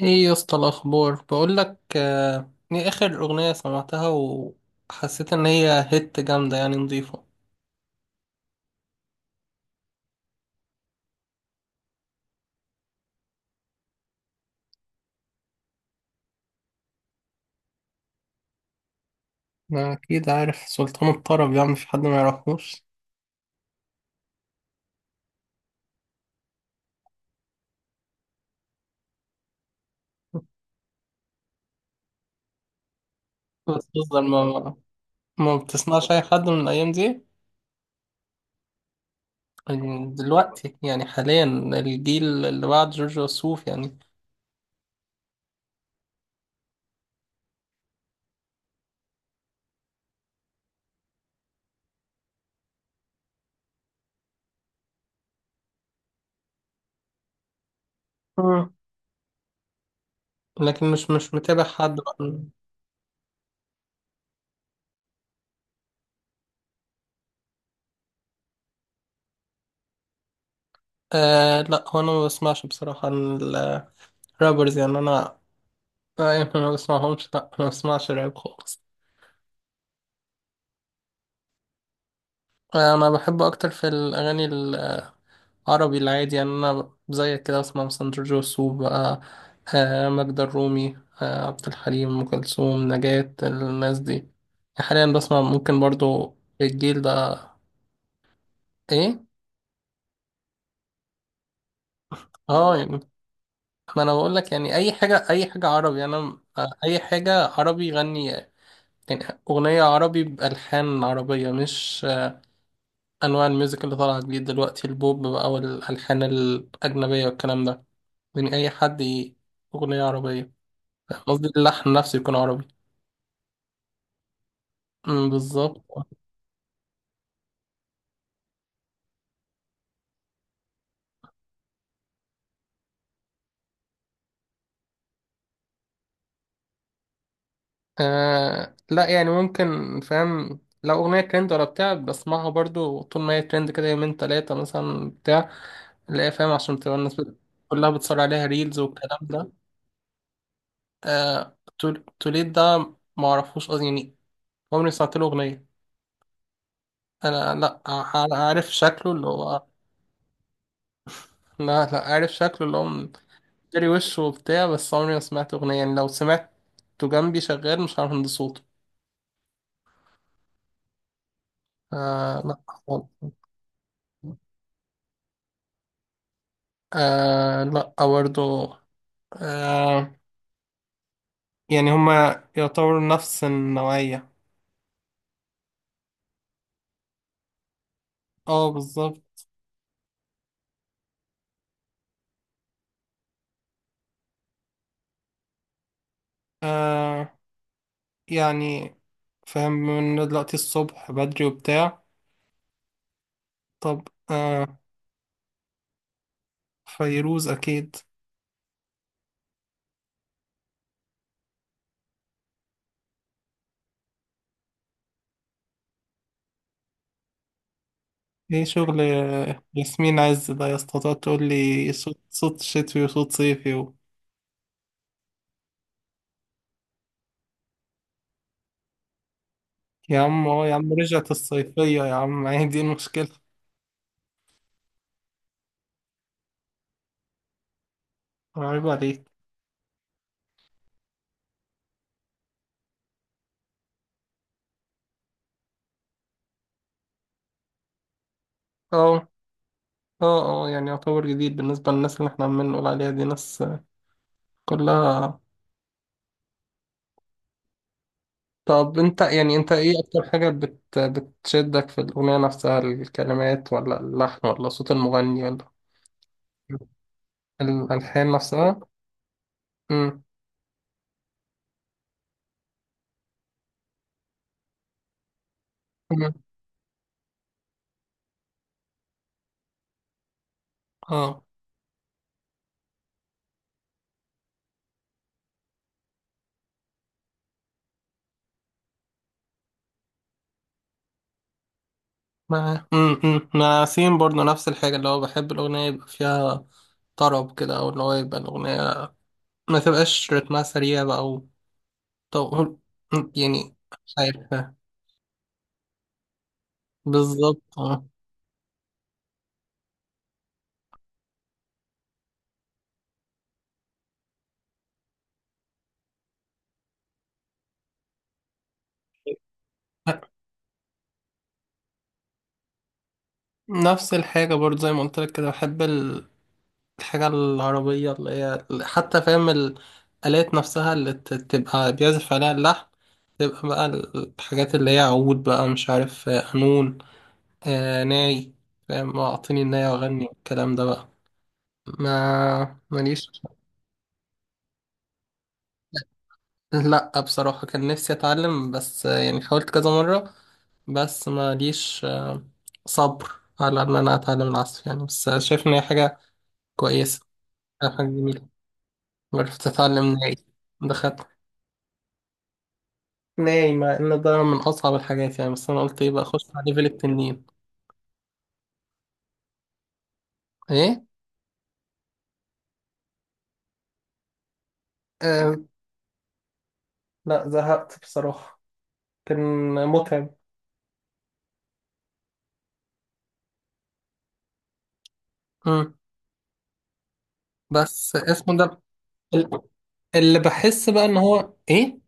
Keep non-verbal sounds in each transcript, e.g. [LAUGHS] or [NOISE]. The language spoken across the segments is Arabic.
ايه يا اسطى الاخبار، بقول لك ايه اخر اغنيه سمعتها؟ وحسيت ان هي هيت جامده، يعني نضيفه. ما اكيد عارف، سلطان الطرب، يعني مفيش حد ما يعرفوش. بس تفضل، ما بتسمعش اي حد من الايام دي؟ يعني دلوقتي، يعني حاليا، الجيل اللي بعد جورج وسوف يعني. مم. لكن مش متابع حد بقى. آه لا، هو انا ما بسمعش بصراحه الرابرز يعني، انا يعني ما بسمعهمش، لا ما بسمعش راب خالص. انا بحبه اكتر في الاغاني العربي العادي، يعني انا زيك كده، بسمع مثلا جورج وسوف بقى، ماجدة الرومي، عبد الحليم، ام كلثوم، نجاة، الناس دي يعني. حاليا بسمع ممكن برضو الجيل ده. ايه، اه يعني، ما انا بقول لك يعني اي حاجه، اي حاجه عربي، يعني انا، اي حاجه عربي يغني يعني. اغنيه عربي بالحان عربيه، مش انواع الميوزك اللي طالعه جديد دلوقتي، البوب بقى والالحان الاجنبيه والكلام ده. من أي حد أغنية عربية، قصدي اللحن نفسه يكون عربي. بالظبط. آه لا، يعني ممكن فاهم، لو أغنية ترند ولا بتاع بسمعها برضو طول ما هي ترند، كده يومين تلاتة مثلا، بتاع. لا فاهم، عشان تبقى الناس كلها بتصور عليها ريلز والكلام ده. آه توليد ده معرفوش أصلا يعني. عمري سمعت له أغنية. أنا لا عارف شكله اللي هو. لا، لا عارف شكله اللي هو جري وشه وبتاع، بس عمري ما سمعت أغنية، يعني لو سمعته جنبي شغال مش عارف أهندي صوته. آه لا خالص. آه لا برضه. آه، يعني هما يعتبروا نفس النوعية. اه بالظبط. آه، يعني فاهم، من دلوقتي الصبح بدري وبتاع. طب فيروز أكيد. ايه شغل ياسمين عز ده يا اسطى، تقعد تقول لي صوت صوت شتوي وصوت صيفي. يا عم، يا عم، رجعت الصيفية يا عم، هي دي المشكلة. عيب عليك. اه اه اه، يعني يعتبر جديد بالنسبة للناس اللي احنا عمالين نقول عليها، دي ناس كلها. طب انت، يعني انت ايه اكتر حاجة بتشدك في الأغنية نفسها؟ الكلمات، ولا اللحن، ولا صوت المغني، ولا الألحان نفسها؟ امم امم اه مع ياسين برضه نفس الحاجة، اللي هو بحب الأغنية يبقى فيها طرب كده، أو اللي هو يبقى الأغنية ما تبقاش رتمها سريع بقى. طب يعني، مش عارفة. بالظبط، اه. نفس الحاجة برضه، زي ما قلت لك كده، بحب الحاجة العربية، اللي هي حتى فاهم الآلات نفسها اللي تبقى بيعزف عليها اللحن، تبقى بقى الحاجات اللي هي عود بقى، مش عارف، قانون، ناي. فاهم؟ اعطيني الناي واغني الكلام ده بقى. ما ماليش. لا بصراحة كان نفسي اتعلم، بس يعني حاولت كذا مرة، بس ما ليش صبر على ان انا اتعلم العزف يعني، بس شايف ان هي حاجة كويسة، حاجة جميلة. عرفت اتعلم ناي. دخلت ناي، مع ان ده من اصعب الحاجات يعني، بس انا قلت ايه بقى، اخش على ليفل التنين. ايه آه لا زهقت بصراحة، كان متعب. مم. بس اسمه ده، ال- اللي بحس بقى ان هو ايه.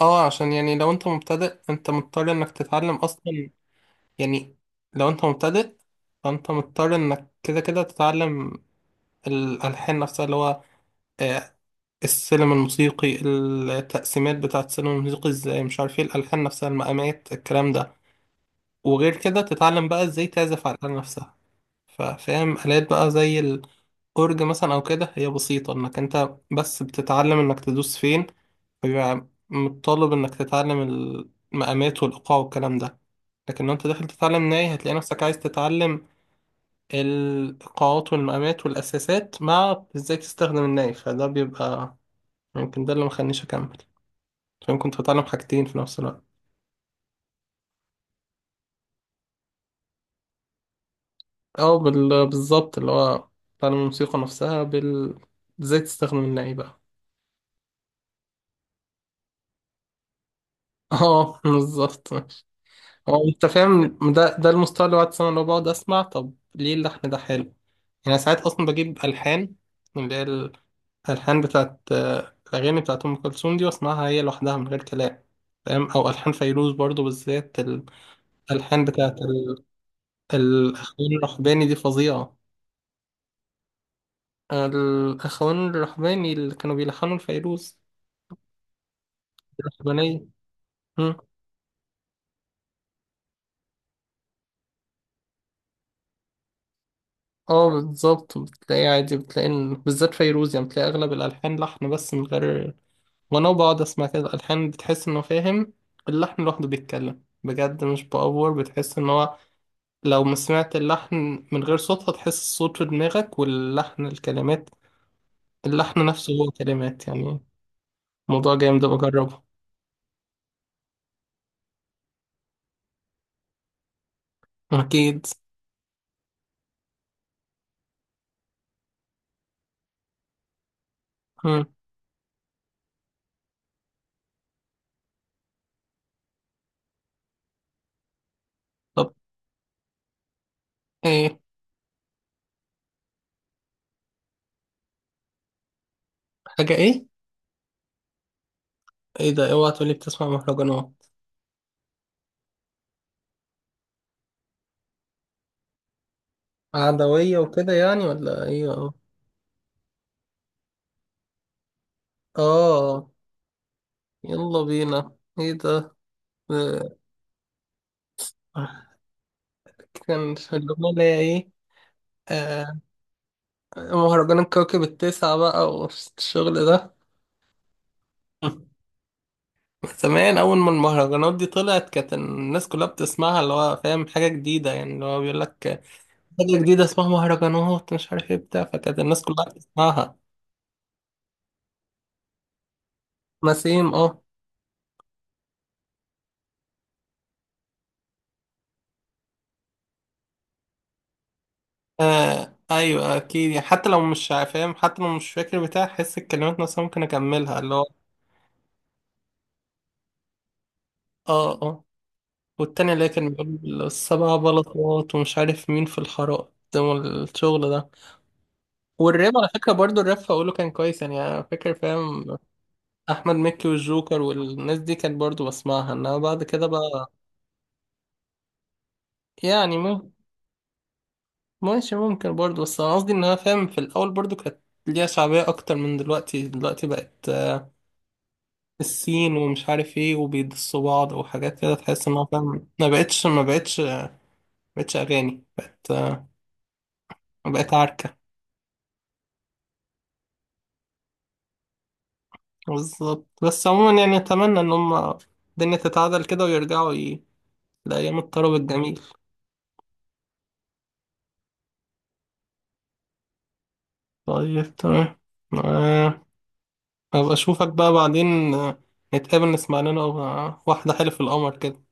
اه، عشان يعني لو انت مبتدئ، انت مضطر انك تتعلم اصلا، يعني لو انت مبتدئ، فانت مضطر انك كده كده تتعلم الالحان نفسها، اللي هو آه، السلم الموسيقي، التقسيمات بتاعه السلم الموسيقي ازاي، مش عارف ايه، الالحان نفسها، المقامات، الكلام ده. وغير كده تتعلم بقى ازاي تعزف على الآلة نفسها. فاهم؟ آلات بقى زي الأورج مثلا، أو كده، هي بسيطة إنك أنت بس بتتعلم إنك تدوس فين، فبيبقى متطلب إنك تتعلم المقامات والإيقاع والكلام ده. لكن لو انت داخل تتعلم ناي، هتلاقي نفسك عايز تتعلم القاعات والمقامات والأساسات، مع إزاي تستخدم النايف، فده بيبقى يمكن ده اللي مخلينيش أكمل. فاهم؟ كنت بتعلم حاجتين في نفس الوقت. أو بالظبط، اللي هو بتعلم الموسيقى نفسها، إزاي تستخدم النايف بقى. اه [LAUGHS] بالظبط. هو انت فاهم، ده المستوى اللي بعد سنة، اللي هو بقعد اسمع، طب ليه اللحن ده حلو؟ يعني ساعات اصلا بجيب الحان، اللي هي الألحان بتاعت الأغاني بتاعت أم كلثوم، دي بسمعها هي لوحدها من غير كلام. فاهم؟ أو ألحان فيروز برضو بالذات، الألحان بتاعت الأخوان الرحباني دي فظيعة. الأخوان الرحباني اللي كانوا بيلحنوا لفيروز، الرحبانية. مم. اه بالظبط، بتلاقي عادي، بتلاقي بالذات فيروز، يعني بتلاقي أغلب الألحان لحن بس من غير. وأنا بقعد أسمع كده الألحان، بتحس إنه، فاهم، اللحن لوحده بيتكلم بجد، مش بأفور. بتحس إن هو، لو ما سمعت اللحن من غير صوت، هتحس الصوت في دماغك، واللحن الكلمات، اللحن نفسه هو كلمات يعني. موضوع جامد، بجربه. أكيد. مم. طب إيه؟ حاجة إيه؟ إيه ده، أوعى تقولي بتسمع مهرجانات! عدوية وكده يعني، ولا إيه؟ آه. آه، يلا بينا، إيه ده؟ آه، كان الأغنية اللي هي إيه؟ آه، مهرجان الكوكب التسعة بقى، والشغل ده. زمان أول ما المهرجانات دي طلعت، كانت الناس كلها بتسمعها، اللي هو فاهم، حاجة جديدة يعني، اللي هو بيقول لك حاجة جديدة اسمها مهرجانات، مش عارف ايه بتاع، فكانت الناس كلها بتسمعها. نسيم، اه. أيوة أكيد، يعني حتى لو مش فاهم، حتى لو مش فاكر بتاع، أحس الكلمات نفسها ممكن أكملها اللي هو. اه اه. والتاني اللي كان بيقول السبع بلاطات، ومش عارف مين في الحارات، والشغل ده. والراب على فكرة برضو، الراب فأقوله كان كويس يعني، أنا فاكر فاهم. احمد مكي والجوكر والناس دي كانت برضو بسمعها، انها بعد كده بقى، يعني ماشي، ممكن برضو، بس انا قصدي، انها فاهم في الاول برضو كانت ليها شعبية اكتر من دلوقتي. دلوقتي بقت الصين، ومش عارف ايه، وبيدسوا بعض، وحاجات كده تحس انها فاهم، ما بقتش ما بقتش ما بقتش اغاني، بقت بقت عركة. بالظبط، بس عموما يعني، اتمنى ان هم الدنيا تتعدل كده، ويرجعوا لايام الطرب الجميل. طيب تمام، آه، أبقى أشوفك بقى بعدين، نتقابل نسمع لنا واحدة حلف القمر كده.